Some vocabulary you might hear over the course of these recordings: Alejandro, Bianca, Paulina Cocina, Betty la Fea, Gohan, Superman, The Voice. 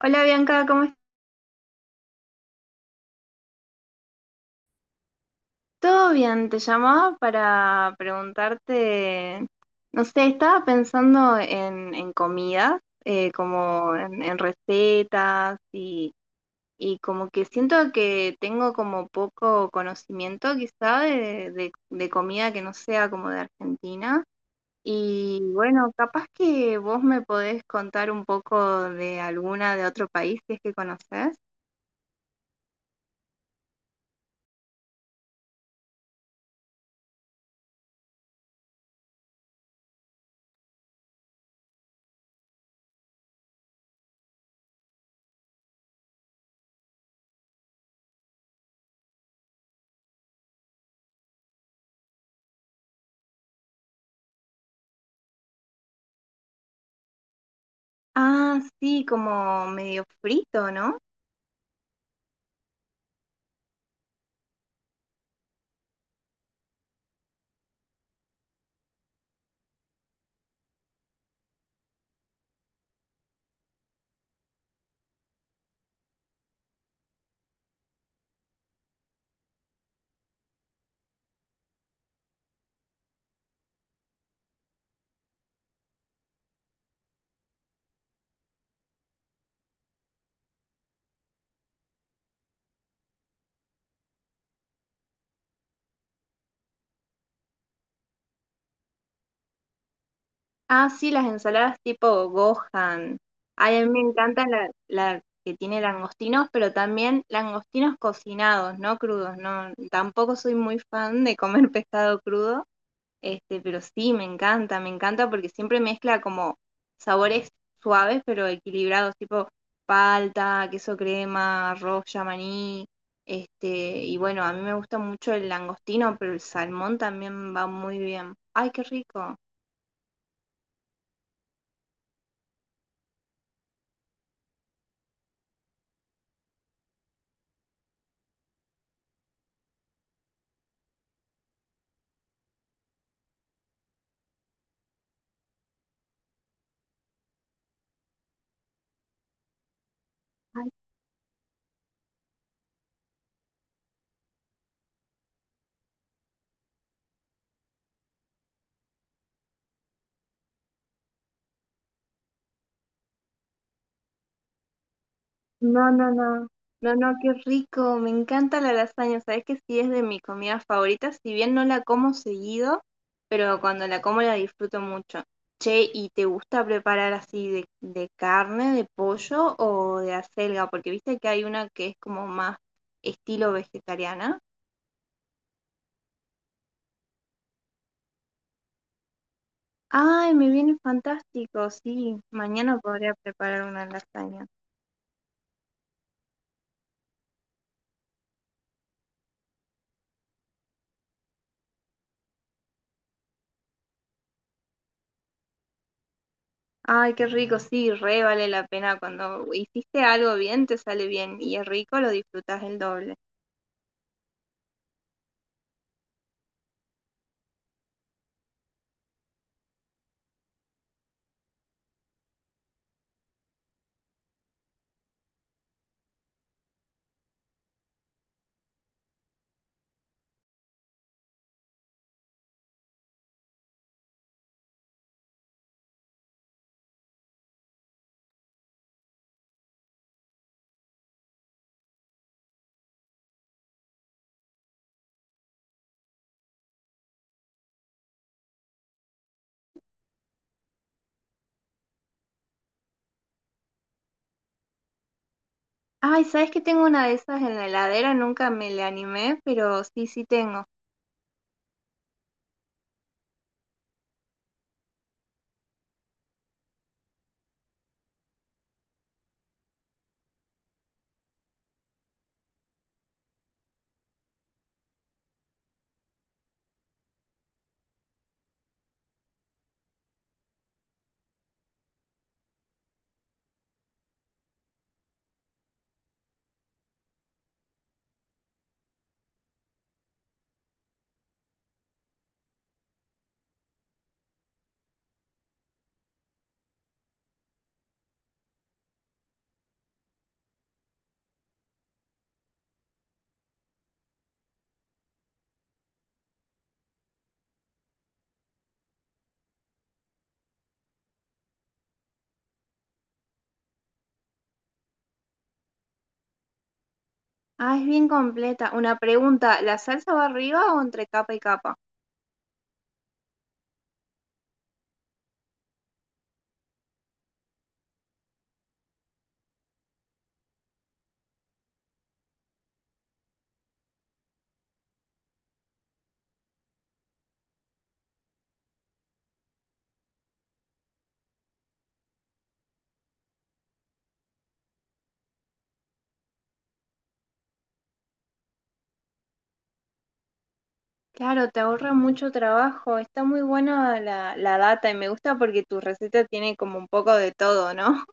Hola Bianca, ¿cómo estás? ¿Todo bien? Te llamaba para preguntarte, no sé, estaba pensando en, comidas, como en recetas y como que siento que tengo como poco conocimiento quizá de comida que no sea como de Argentina. Y bueno, capaz que vos me podés contar un poco de alguna de otro país si es que conocés. Ah, sí, como medio frito, ¿no? Ah, sí, las ensaladas tipo Gohan. Ay, a mí me encanta la que tiene langostinos, pero también langostinos cocinados, no crudos. No, tampoco soy muy fan de comer pescado crudo, pero sí, me encanta porque siempre mezcla como sabores suaves pero equilibrados, tipo palta, queso crema, arroz, maní, este, y bueno, a mí me gusta mucho el langostino, pero el salmón también va muy bien. Ay, qué rico. No, no, no. No, no, qué rico. Me encanta la lasaña. Sabes que sí es de mi comida favorita, si bien no la como seguido, pero cuando la como la disfruto mucho. Che, ¿y te gusta preparar así de carne, de pollo o de acelga? Porque viste que hay una que es como más estilo vegetariana. Ay, me viene fantástico. Sí, mañana podría preparar una lasaña. Ay, qué rico, sí, re vale la pena cuando hiciste algo bien, te sale bien y es rico, lo disfrutas el doble. Ay, ¿sabes que tengo una de esas en la heladera? Nunca me le animé, pero sí, sí tengo. Ah, es bien completa. Una pregunta, ¿la salsa va arriba o entre capa y capa? Claro, te ahorra mucho trabajo. Está muy buena la data y me gusta porque tu receta tiene como un poco de todo, ¿no?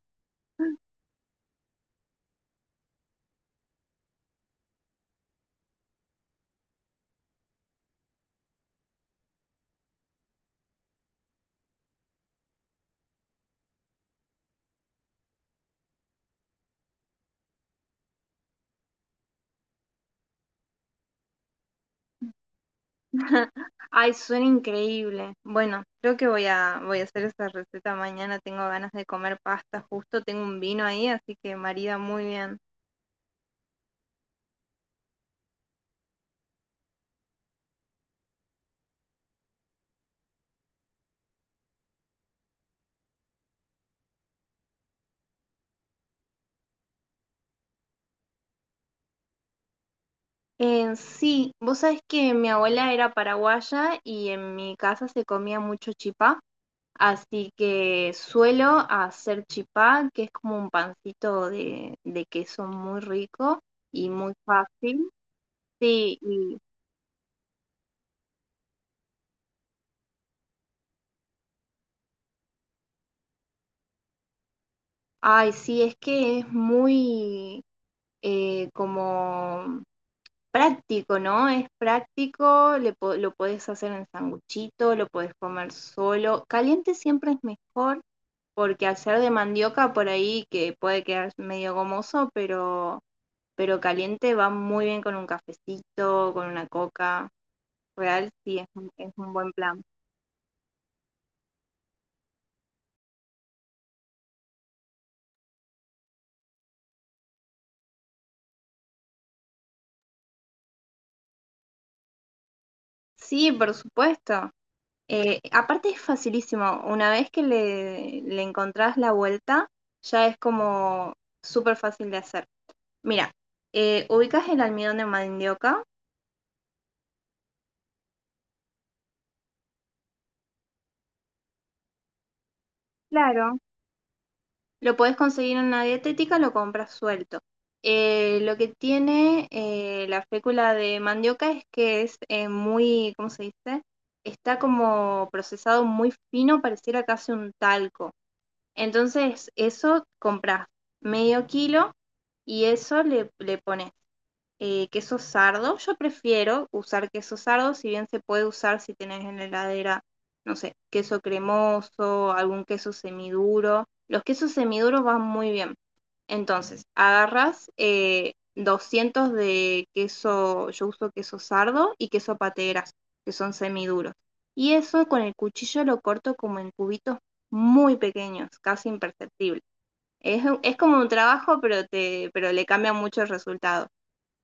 Ay, suena increíble. Bueno, creo que voy a hacer esa receta mañana. Tengo ganas de comer pasta, justo tengo un vino ahí, así que marida muy bien. Sí, vos sabés que mi abuela era paraguaya y en mi casa se comía mucho chipá, así que suelo hacer chipá, que es como un pancito de, queso muy rico y muy fácil. Sí, y ay, sí, es que es muy como práctico, ¿no? Es práctico, lo podés hacer en sanguchito, lo podés comer solo. Caliente siempre es mejor porque al ser de mandioca por ahí que puede quedar medio gomoso, pero caliente va muy bien con un cafecito, con una coca. Real, sí, es un, buen plan. Sí, por supuesto. Aparte es facilísimo. Una vez que le encontrás la vuelta, ya es como súper fácil de hacer. Mira, ubicas el almidón de mandioca. Claro, lo puedes conseguir en una dietética, lo compras suelto. Lo que tiene la fécula de mandioca es que es muy, ¿cómo se dice? Está como procesado muy fino, pareciera casi un talco. Entonces, eso compras medio kilo y eso le pones. Queso sardo. Yo prefiero usar queso sardo, si bien se puede usar si tenés en la heladera, no sé, queso cremoso, algún queso semiduro. Los quesos semiduros van muy bien. Entonces, agarras 200 de queso, yo uso queso sardo y queso pateras, que son semiduros. Y eso con el cuchillo lo corto como en cubitos muy pequeños, casi imperceptible. Es como un trabajo, pero le cambia mucho el resultado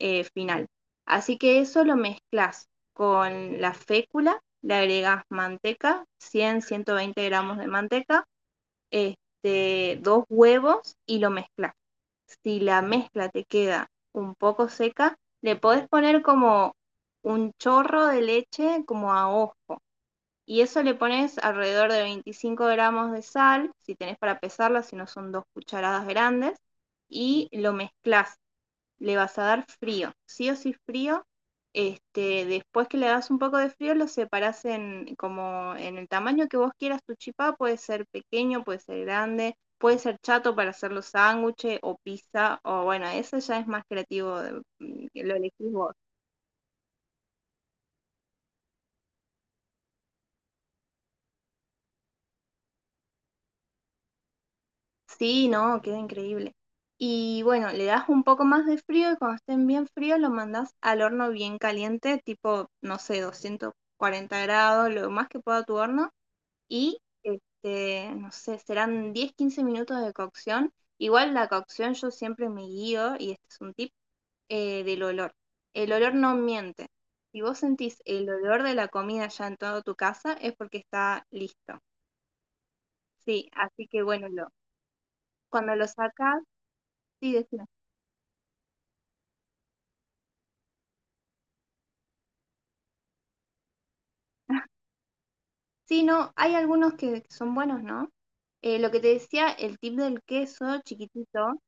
final. Así que eso lo mezclas con la fécula, le agregas manteca, 120 gramos de manteca, dos huevos y lo mezclas. Si la mezcla te queda un poco seca, le podés poner como un chorro de leche como a ojo. Y eso le pones alrededor de 25 gramos de sal, si tenés para pesarla, si no son dos cucharadas grandes, y lo mezclas. Le vas a dar frío, sí o sí frío. Después que le das un poco de frío, lo separás como en el tamaño que vos quieras tu chipá, puede ser pequeño, puede ser grande, puede ser chato para hacer los sándwiches o pizza, o bueno, eso ya es más creativo, lo elegís vos. Sí, no, queda increíble. Y bueno, le das un poco más de frío y cuando estén bien fríos lo mandás al horno bien caliente, tipo, no sé, 240 grados, lo más que pueda tu horno. Y no sé, serán 10 15 minutos de cocción. Igual la cocción yo siempre me guío, y este es un tip, del olor. El olor no miente. Si vos sentís el olor de la comida ya en toda tu casa, es porque está listo. Sí, así que bueno, cuando lo sacas, sí, decime. Sí, no, hay algunos que son buenos, ¿no? Lo que te decía, el tip del queso chiquitito.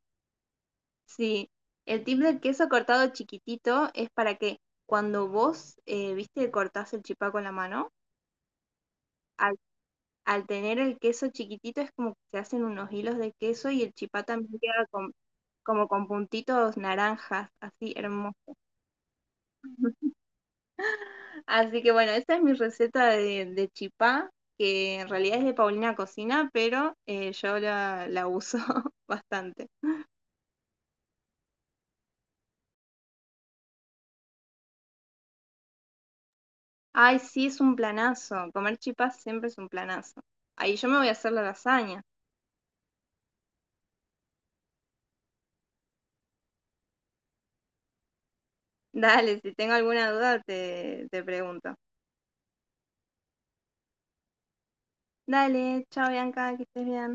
Sí, el tip del queso cortado chiquitito es para que cuando vos, viste, cortás el chipá con la mano, al, al tener el queso chiquitito es como que se hacen unos hilos de queso y el chipá también queda como con puntitos naranjas, así hermoso. Así que bueno, esa es mi receta de, chipá, que en realidad es de Paulina Cocina, pero yo la uso bastante. Ay, sí, es un planazo. Comer chipá siempre es un planazo. Ahí yo me voy a hacer la lasaña. Dale, si tengo alguna duda te, pregunto. Dale, chao Bianca, que estés bien.